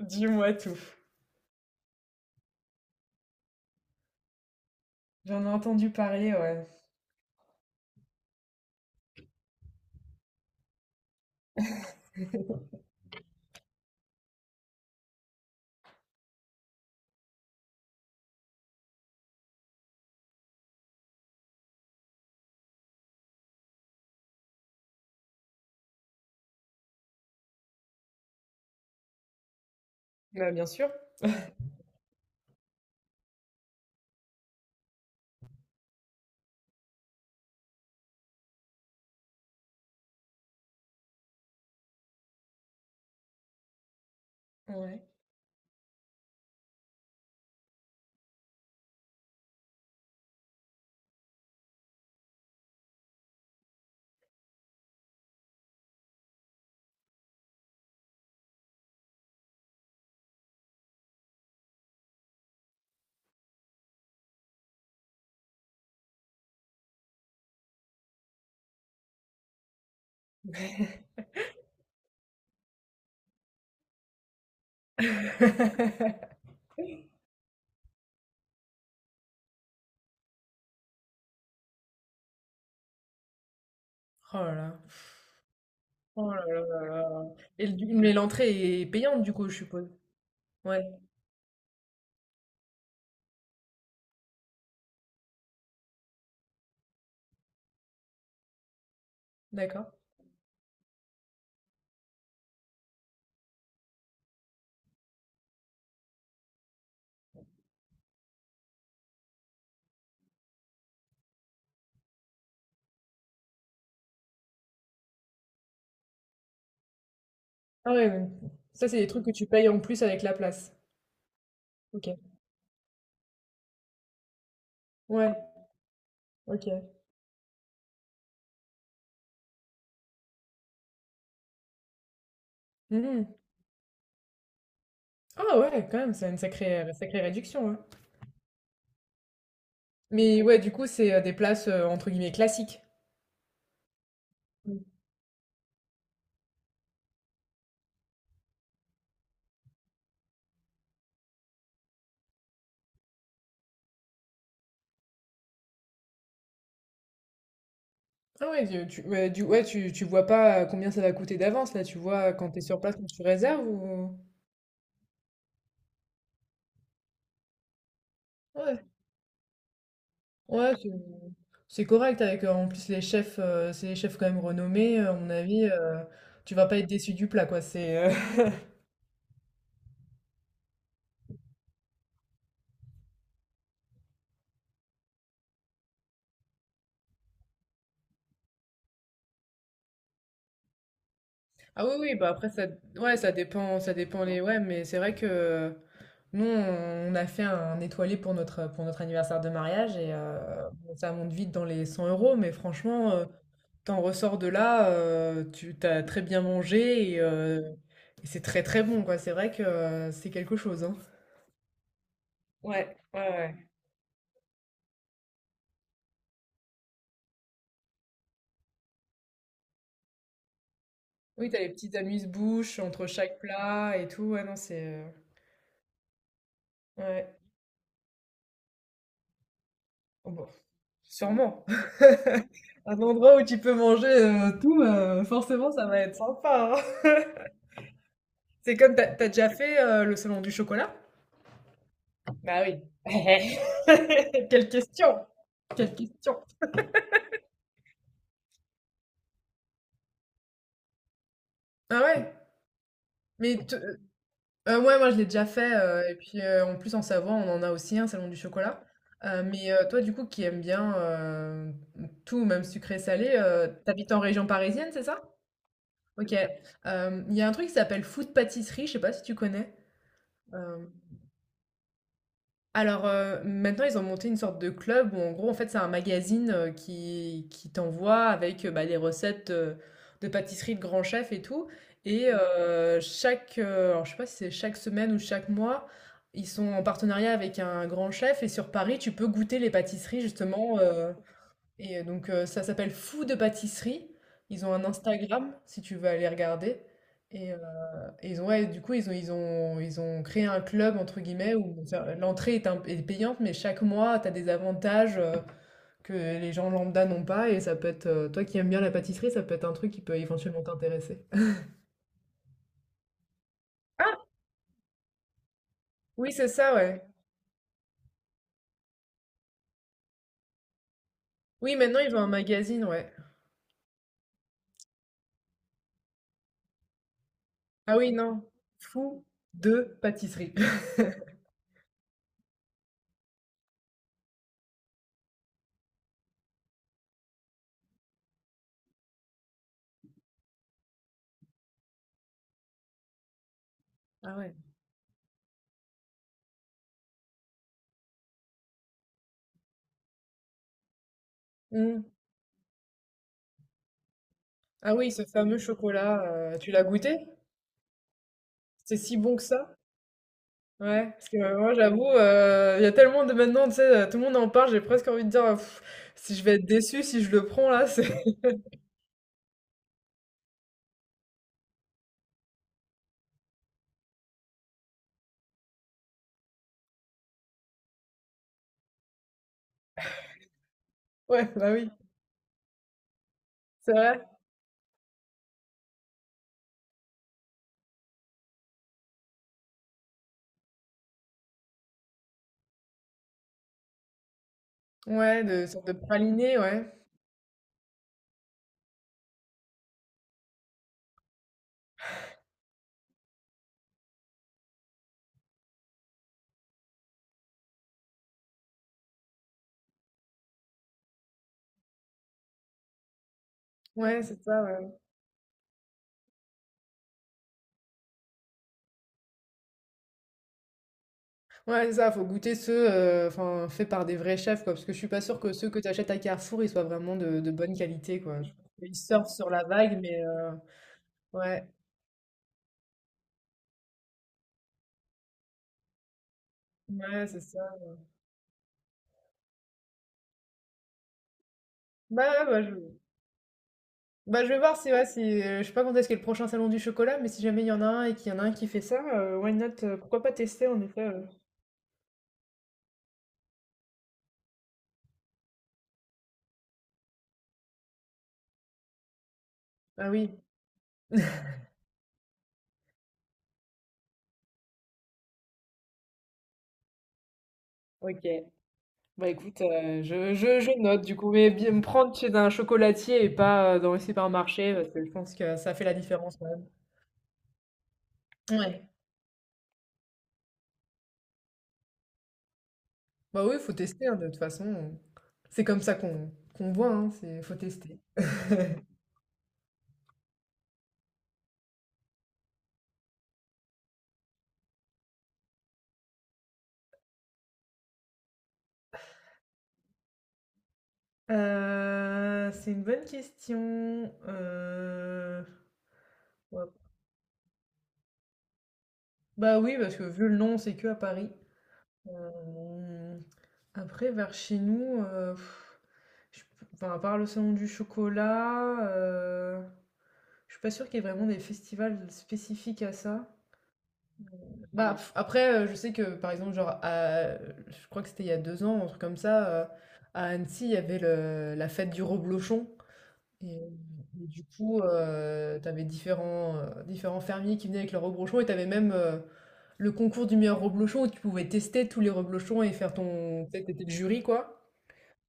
Dis-moi tout. J'en ai entendu parler, ouais. Bah, bien sûr. Ouais. Oh là là. Oh là là là là. Mais l'entrée est payante du coup, je suppose. Ouais, d'accord. Ah ouais, ouais. Ça c'est des trucs que tu payes en plus avec la place. Ok. Ouais, ok. Mhm. Ah ouais, quand même, c'est une sacrée, sacrée réduction, hein. Mais ouais, du coup, c'est des places entre guillemets classiques. Ah ouais, tu vois pas combien ça va coûter d'avance, là, tu vois quand t'es sur place, quand tu réserves ou... Ouais, ouais, c'est correct avec, en plus, les chefs, c'est les chefs quand même renommés, à mon avis, tu vas pas être déçu du plat, quoi, c'est... Ah oui, oui, bah après, ça, ouais, ça dépend les... Ouais, mais c'est vrai que... Nous, on a fait un étoilé pour notre anniversaire de mariage et bon, ça monte vite dans les 100 euros, mais franchement, t'en ressors de là, tu t'as très bien mangé et c'est très très bon, quoi. C'est vrai que c'est quelque chose, hein. Ouais, ouais, ouais. Oui, t'as les petites amuse-bouches entre chaque plat et tout. Ouais, non, c'est... Ouais. Oh, bon, sûrement. Un endroit où tu peux manger tout, forcément, ça va être sympa, hein. C'est comme, t'as as déjà fait le salon du chocolat. Bah oui. Quelle question. Quelle question. Ah ouais. Mais t- euh, ouais, moi je l'ai déjà fait, et puis en plus en Savoie, on en a aussi un salon du chocolat. Mais toi, du coup, qui aime bien tout, même sucré-salé, t'habites en région parisienne, c'est ça? Ok. Il y a un truc qui s'appelle Food Pâtisserie, je sais pas si tu connais. Euh, Alors, maintenant ils ont monté une sorte de club où en gros en fait c'est un magazine, qui t'envoie avec, bah, les recettes, de pâtisserie de grands chefs et tout et Mmh. Chaque, alors je sais pas si c'est chaque semaine ou chaque mois, ils sont en partenariat avec un grand chef et sur Paris tu peux goûter les pâtisseries justement, et donc ça s'appelle Fou de pâtisserie. Ils ont un Instagram si tu veux aller regarder et ils ont ouais, du coup, ils ont créé un club entre guillemets où ça l'entrée est payante, mais chaque mois, tu as des avantages, que les gens lambda n'ont pas et ça peut être, toi qui aimes bien la pâtisserie, ça peut être un truc qui peut éventuellement t'intéresser. Ah! Oui, c'est ça, ouais. Oui, maintenant, ils ont un magazine, ouais. Ah oui, non. Fou de pâtisserie. Ah ouais. Mmh. Ah oui, ce fameux chocolat, tu l'as goûté? C'est si bon que ça? Ouais, parce que moi j'avoue, il y a tellement de maintenant, tu sais, tout le monde en parle, j'ai presque envie de dire: «Pff, si je vais être déçue si je le prends là, c'est». Ouais, bah oui, c'est vrai. Ouais, de sorte de praliné, ouais. Ouais, c'est ça, ouais. Ouais, c'est ça, faut goûter ceux, enfin, faits par des vrais chefs, quoi, parce que je suis pas sûre que ceux que tu achètes à Carrefour, ils soient vraiment de bonne qualité, quoi. Je pense qu'ils surfent sur la vague, mais ouais, ouais, c'est ça. Bah ouais, bah je Bah, je vais voir si, ouais, si, je sais pas quand est-ce qu'est le prochain salon du chocolat, mais si jamais il y en a un et qu'il y en a un qui fait ça, why not, pourquoi pas tester en effet, euh. Ah oui, ok. Bah écoute, je note du coup, mais bien me prendre chez un chocolatier et pas dans les supermarchés, parce que je pense que ça fait la différence quand même. Ouais. Bah oui, faut tester hein, de toute façon. C'est comme ça qu'on voit, hein, c'est faut tester. C'est une bonne question. Ouais. Bah oui, parce que vu le nom, c'est que à Paris. Hem, Après, vers chez nous, je à part le salon du chocolat, je suis pas sûre qu'il y ait vraiment des festivals spécifiques à ça. Bah, Mmh. Pff, après, je sais que, par exemple, genre, à je crois que c'était il y a 2 ans, un truc comme ça, à Annecy, il y avait le la fête du reblochon. Et, euh, et du coup, différents fermiers qui venaient avec leurs reblochons et t'avais même le concours du meilleur reblochon où tu pouvais tester tous les reblochons et faire ton... Peut-être t'étais le jury, quoi.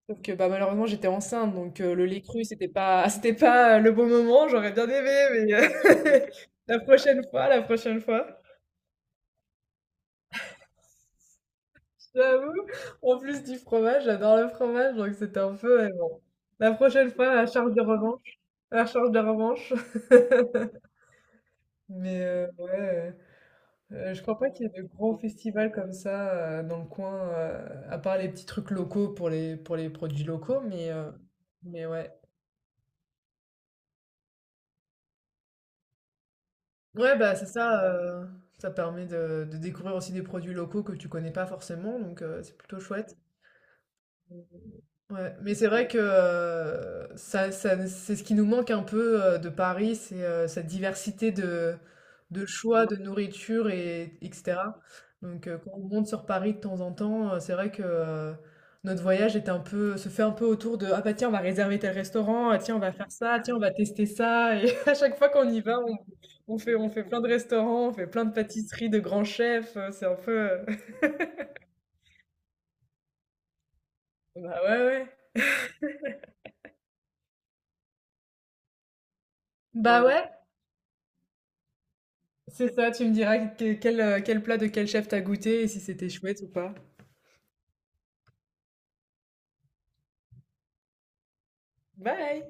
Sauf que bah, malheureusement, j'étais enceinte, donc le lait cru, c'était pas, c'était pas le bon moment. J'aurais bien aimé, mais la prochaine fois, la prochaine fois. J'avoue, en plus du fromage, j'adore le fromage, donc c'était un peu... bon. La prochaine fois, la charge de revanche. La charge de revanche. Mais ouais. Je crois pas qu'il y ait de gros festivals comme ça, dans le coin, à part les petits trucs locaux pour les produits locaux, mais ouais. Ouais, bah, c'est ça, ça permet de découvrir aussi des produits locaux que tu connais pas forcément, donc c'est plutôt chouette. Ouais, mais c'est vrai que c'est ce qui nous manque un peu de Paris, c'est cette diversité de choix, de nourriture, et, etc. Donc quand on monte sur Paris de temps en temps, c'est vrai que notre voyage est un peu, se fait un peu autour de «Ah bah tiens, on va réserver tel restaurant, ah tiens, on va faire ça, ah, tiens, on va tester ça». Et à chaque fois qu'on y va, on fait plein de restaurants, on fait plein de pâtisseries de grands chefs, c'est un peu... Bah ouais, ouais. Bah ouais, c'est ça, tu me diras quel, quel plat de quel chef t'as goûté et si c'était chouette ou pas. Bye!